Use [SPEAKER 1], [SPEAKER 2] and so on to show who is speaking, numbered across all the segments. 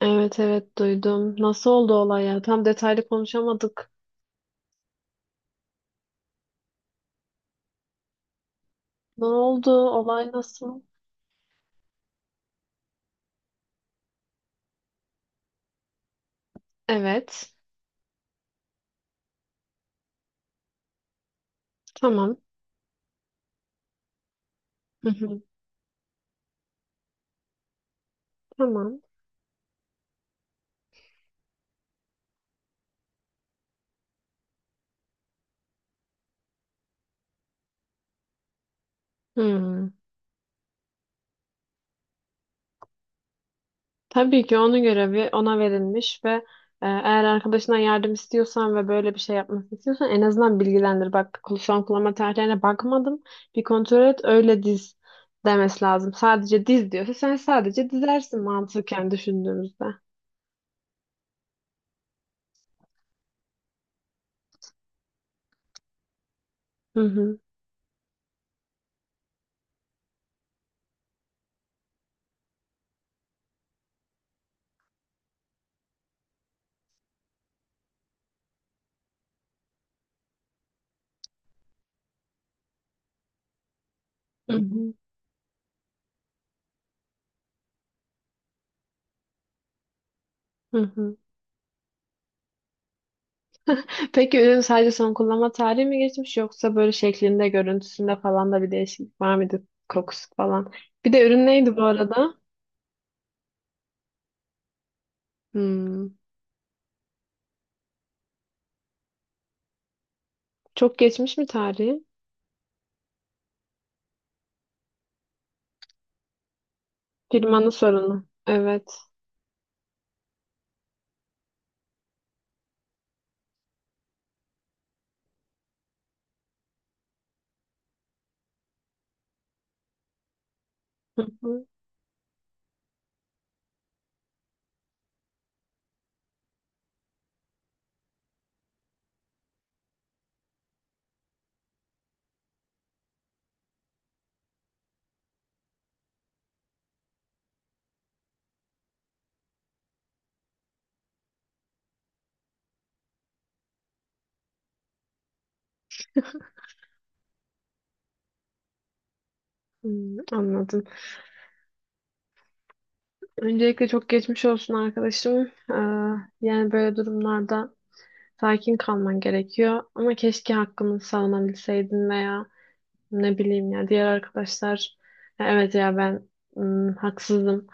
[SPEAKER 1] Evet, evet, duydum. Nasıl oldu olay ya? Tam detaylı konuşamadık. Ne oldu? Olay nasıl? Evet. Tamam. Hı hı. Tamam. Hmm. Tabii ki onun görevi ona verilmiş ve eğer arkadaşına yardım istiyorsan ve böyle bir şey yapmasını istiyorsan en azından bilgilendir. Bak, son kullanma tarihlerine bakmadım. Bir kontrol et, öyle diz demesi lazım. Sadece diz diyorsa sen sadece dizersin, mantıken düşündüğümüzde. Hı hı. Hı hı. Hı hı. Peki, ürün sadece son kullanma tarihi mi geçmiş, yoksa böyle şeklinde, görüntüsünde falan da bir değişiklik var mıydı? Kokusu falan. Bir de ürün neydi bu arada? Hmm. Çok geçmiş mi tarihi? Firmanın sorunu. Evet. Hı hı. Hmm, anladım. Öncelikle çok geçmiş olsun arkadaşım. Yani böyle durumlarda sakin kalman gerekiyor. Ama keşke hakkını savunabilseydin veya ne bileyim ya, diğer arkadaşlar "ya evet, ya ben haksızdım.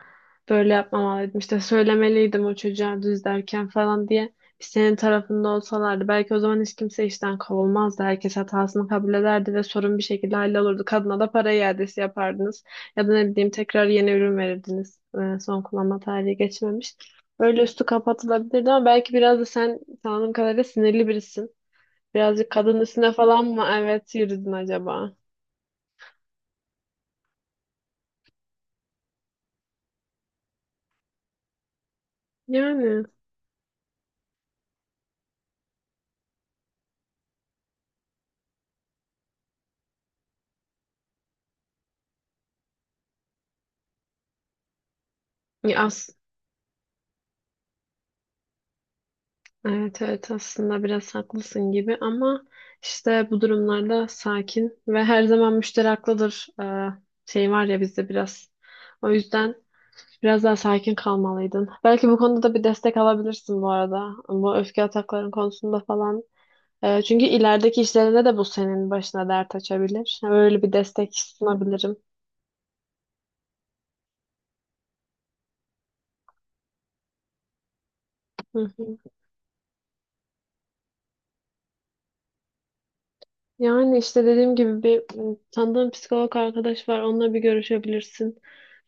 [SPEAKER 1] Böyle yapmamalıydım. İşte söylemeliydim o çocuğa düz derken" falan diye bir senin tarafında olsalardı, belki o zaman hiç kimse işten kovulmazdı. Herkes hatasını kabul ederdi ve sorun bir şekilde hallolurdu. Kadına da para iadesi yapardınız. Ya da ne bileyim, tekrar yeni ürün verirdiniz. Son kullanma tarihi geçmemiş. Böyle üstü kapatılabilirdi, ama belki biraz da sen, tanıdığım kadarıyla, sinirli birisin. Birazcık kadın üstüne falan mı, evet, yürüdün acaba? Yani, ya as evet, evet, aslında biraz haklısın gibi, ama işte bu durumlarda sakin ve her zaman müşteri haklıdır, şey var ya bizde biraz. O yüzden biraz daha sakin kalmalıydın. Belki bu konuda da bir destek alabilirsin bu arada. Bu öfke atakların konusunda falan. Çünkü ilerideki işlerinde de bu senin başına dert açabilir. Öyle bir destek sunabilirim. Hı hı. Yani işte dediğim gibi, bir tanıdığım psikolog arkadaş var. Onunla bir görüşebilirsin.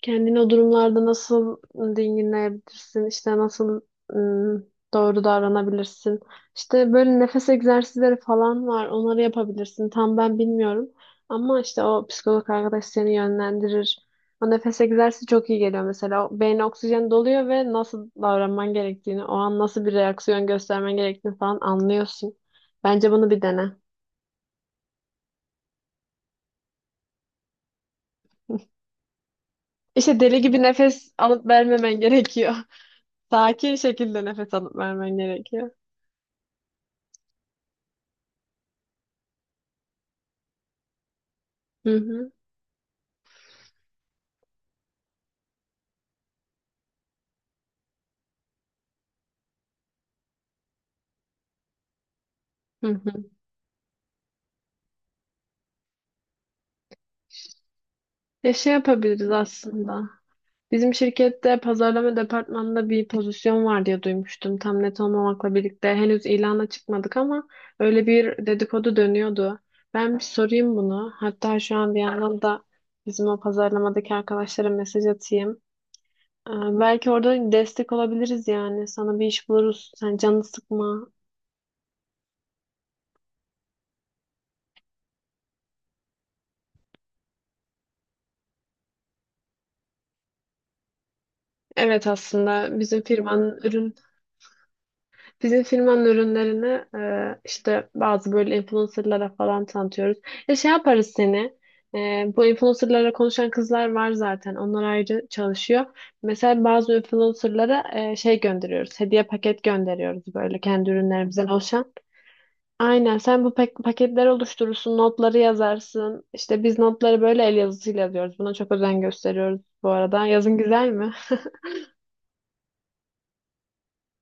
[SPEAKER 1] Kendini o durumlarda nasıl dinginleyebilirsin, işte nasıl m, doğru davranabilirsin? İşte böyle nefes egzersizleri falan var. Onları yapabilirsin. Tam ben bilmiyorum. Ama işte o psikolog arkadaş seni yönlendirir. O nefes egzersizi çok iyi geliyor mesela. O beyne oksijen doluyor ve nasıl davranman gerektiğini, o an nasıl bir reaksiyon göstermen gerektiğini falan anlıyorsun. Bence bunu bir dene. İşte deli gibi nefes alıp vermemen gerekiyor. Sakin şekilde nefes alıp vermen gerekiyor. Hı hı, hı hı. Ya, şey yapabiliriz aslında. Bizim şirkette pazarlama departmanında bir pozisyon var diye duymuştum. Tam net olmamakla birlikte henüz ilana çıkmadık, ama öyle bir dedikodu dönüyordu. Ben bir sorayım bunu. Hatta şu an bir yandan da bizim o pazarlamadaki arkadaşlara mesaj atayım. Ee, Belki orada destek olabiliriz yani. Sana bir iş buluruz. Sen canını sıkma. Evet, aslında bizim firmanın ürün, bizim firmanın ürünlerini işte bazı böyle influencerlara falan tanıtıyoruz. Ya şey yaparız seni. e, Bu influencerlara konuşan kızlar var zaten. Onlar ayrı çalışıyor. Mesela bazı influencerlara şey gönderiyoruz. Hediye paket gönderiyoruz, böyle kendi ürünlerimizden oluşan. Aynen, sen bu paketler oluşturursun, notları yazarsın. İşte biz notları böyle el yazısıyla yazıyoruz. Buna çok özen gösteriyoruz bu arada. Yazın güzel mi?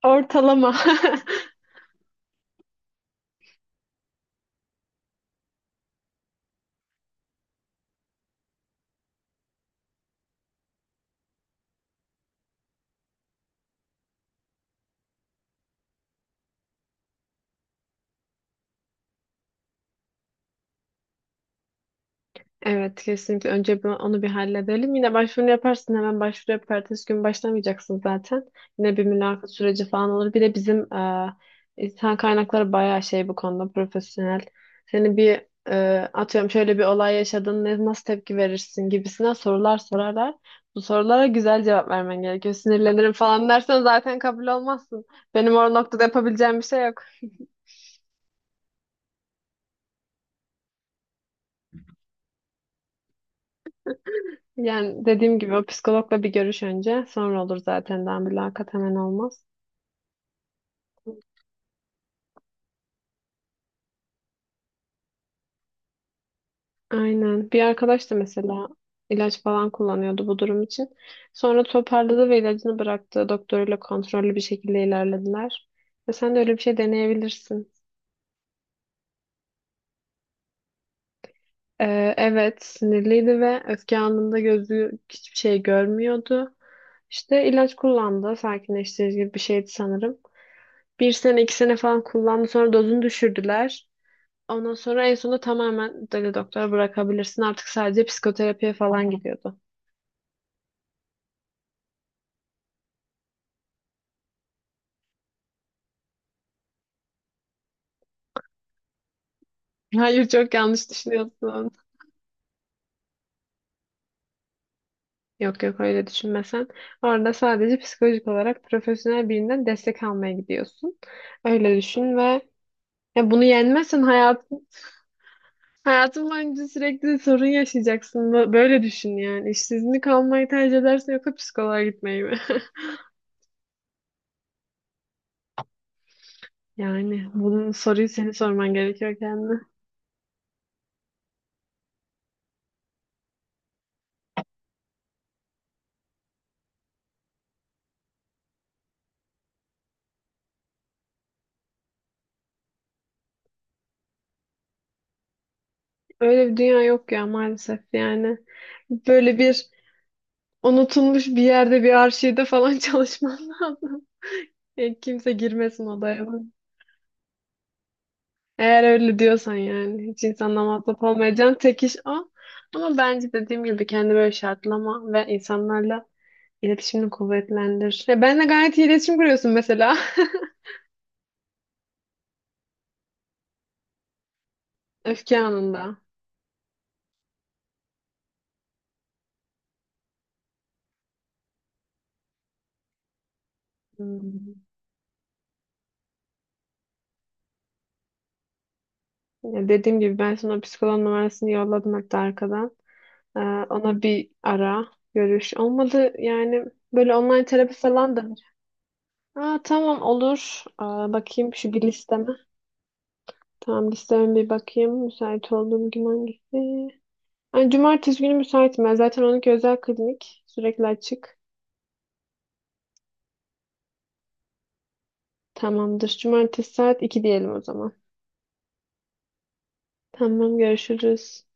[SPEAKER 1] Ortalama. Evet, kesinlikle önce onu bir halledelim. Yine başvurunu yaparsın, hemen başvuru yapıp ertesi gün başlamayacaksın zaten. Yine bir mülakat süreci falan olur. Bir de bizim insan kaynakları bayağı şey bu konuda profesyonel. Seni bir, atıyorum, şöyle bir olay yaşadın, ne, nasıl tepki verirsin gibisine sorular sorarlar. Bu sorulara güzel cevap vermen gerekiyor. Sinirlenirim falan dersen zaten kabul olmazsın. Benim o noktada yapabileceğim bir şey yok. Yani dediğim gibi o psikologla bir görüş önce, sonra olur zaten, daha mülakat hemen olmaz. Aynen. Bir arkadaş da mesela ilaç falan kullanıyordu bu durum için. Sonra toparladı ve ilacını bıraktı. Doktoruyla kontrollü bir şekilde ilerlediler. Ve sen de öyle bir şey deneyebilirsin. Evet, sinirliydi ve öfke anında gözü hiçbir şey görmüyordu. İşte ilaç kullandı. Sakinleştirici gibi bir şeydi sanırım. Bir sene, 2 sene falan kullandı. Sonra dozunu düşürdüler. Ondan sonra en sonunda tamamen dedi doktora, bırakabilirsin. Artık sadece psikoterapiye falan gidiyordu. Hayır, çok yanlış düşünüyorsun. Yok, yok, öyle düşünmesen. Orada sadece psikolojik olarak profesyonel birinden destek almaya gidiyorsun. Öyle düşün ve ya, bunu yenmezsen hayatın boyunca sürekli sorun yaşayacaksın. Böyle düşün yani. İşsizlik almayı tercih edersin, yoksa psikoloğa gitmeyi mi? Yani bunun soruyu senin sorman gerekiyor kendine. Öyle bir dünya yok ya, maalesef yani. Böyle bir unutulmuş bir yerde, bir arşivde falan çalışman lazım. Kimse girmesin odaya. Eğer öyle diyorsan yani. Hiç insanla muhatap olmayacağın tek iş o. Ama bence dediğim gibi kendi böyle şartlama ve insanlarla iletişimini kuvvetlendir. Ya, benle gayet iyi iletişim kuruyorsun mesela. Öfke anında. Hmm. Ya, dediğim gibi ben sana psikoloğun numarasını yolladım, hatta arkadan. Ee, Ona bir ara görüş. Olmadı yani, böyle online terapi falan da. Tamam, olur. Bakayım şu bir listeme. Tamam, listeme bir bakayım. Müsait olduğum gün hangisi? Ay, cumartesi günü müsaitim ben. Zaten onunki özel klinik. Sürekli açık. Tamamdır. Cumartesi saat 2 diyelim o zaman. Tamam, görüşürüz.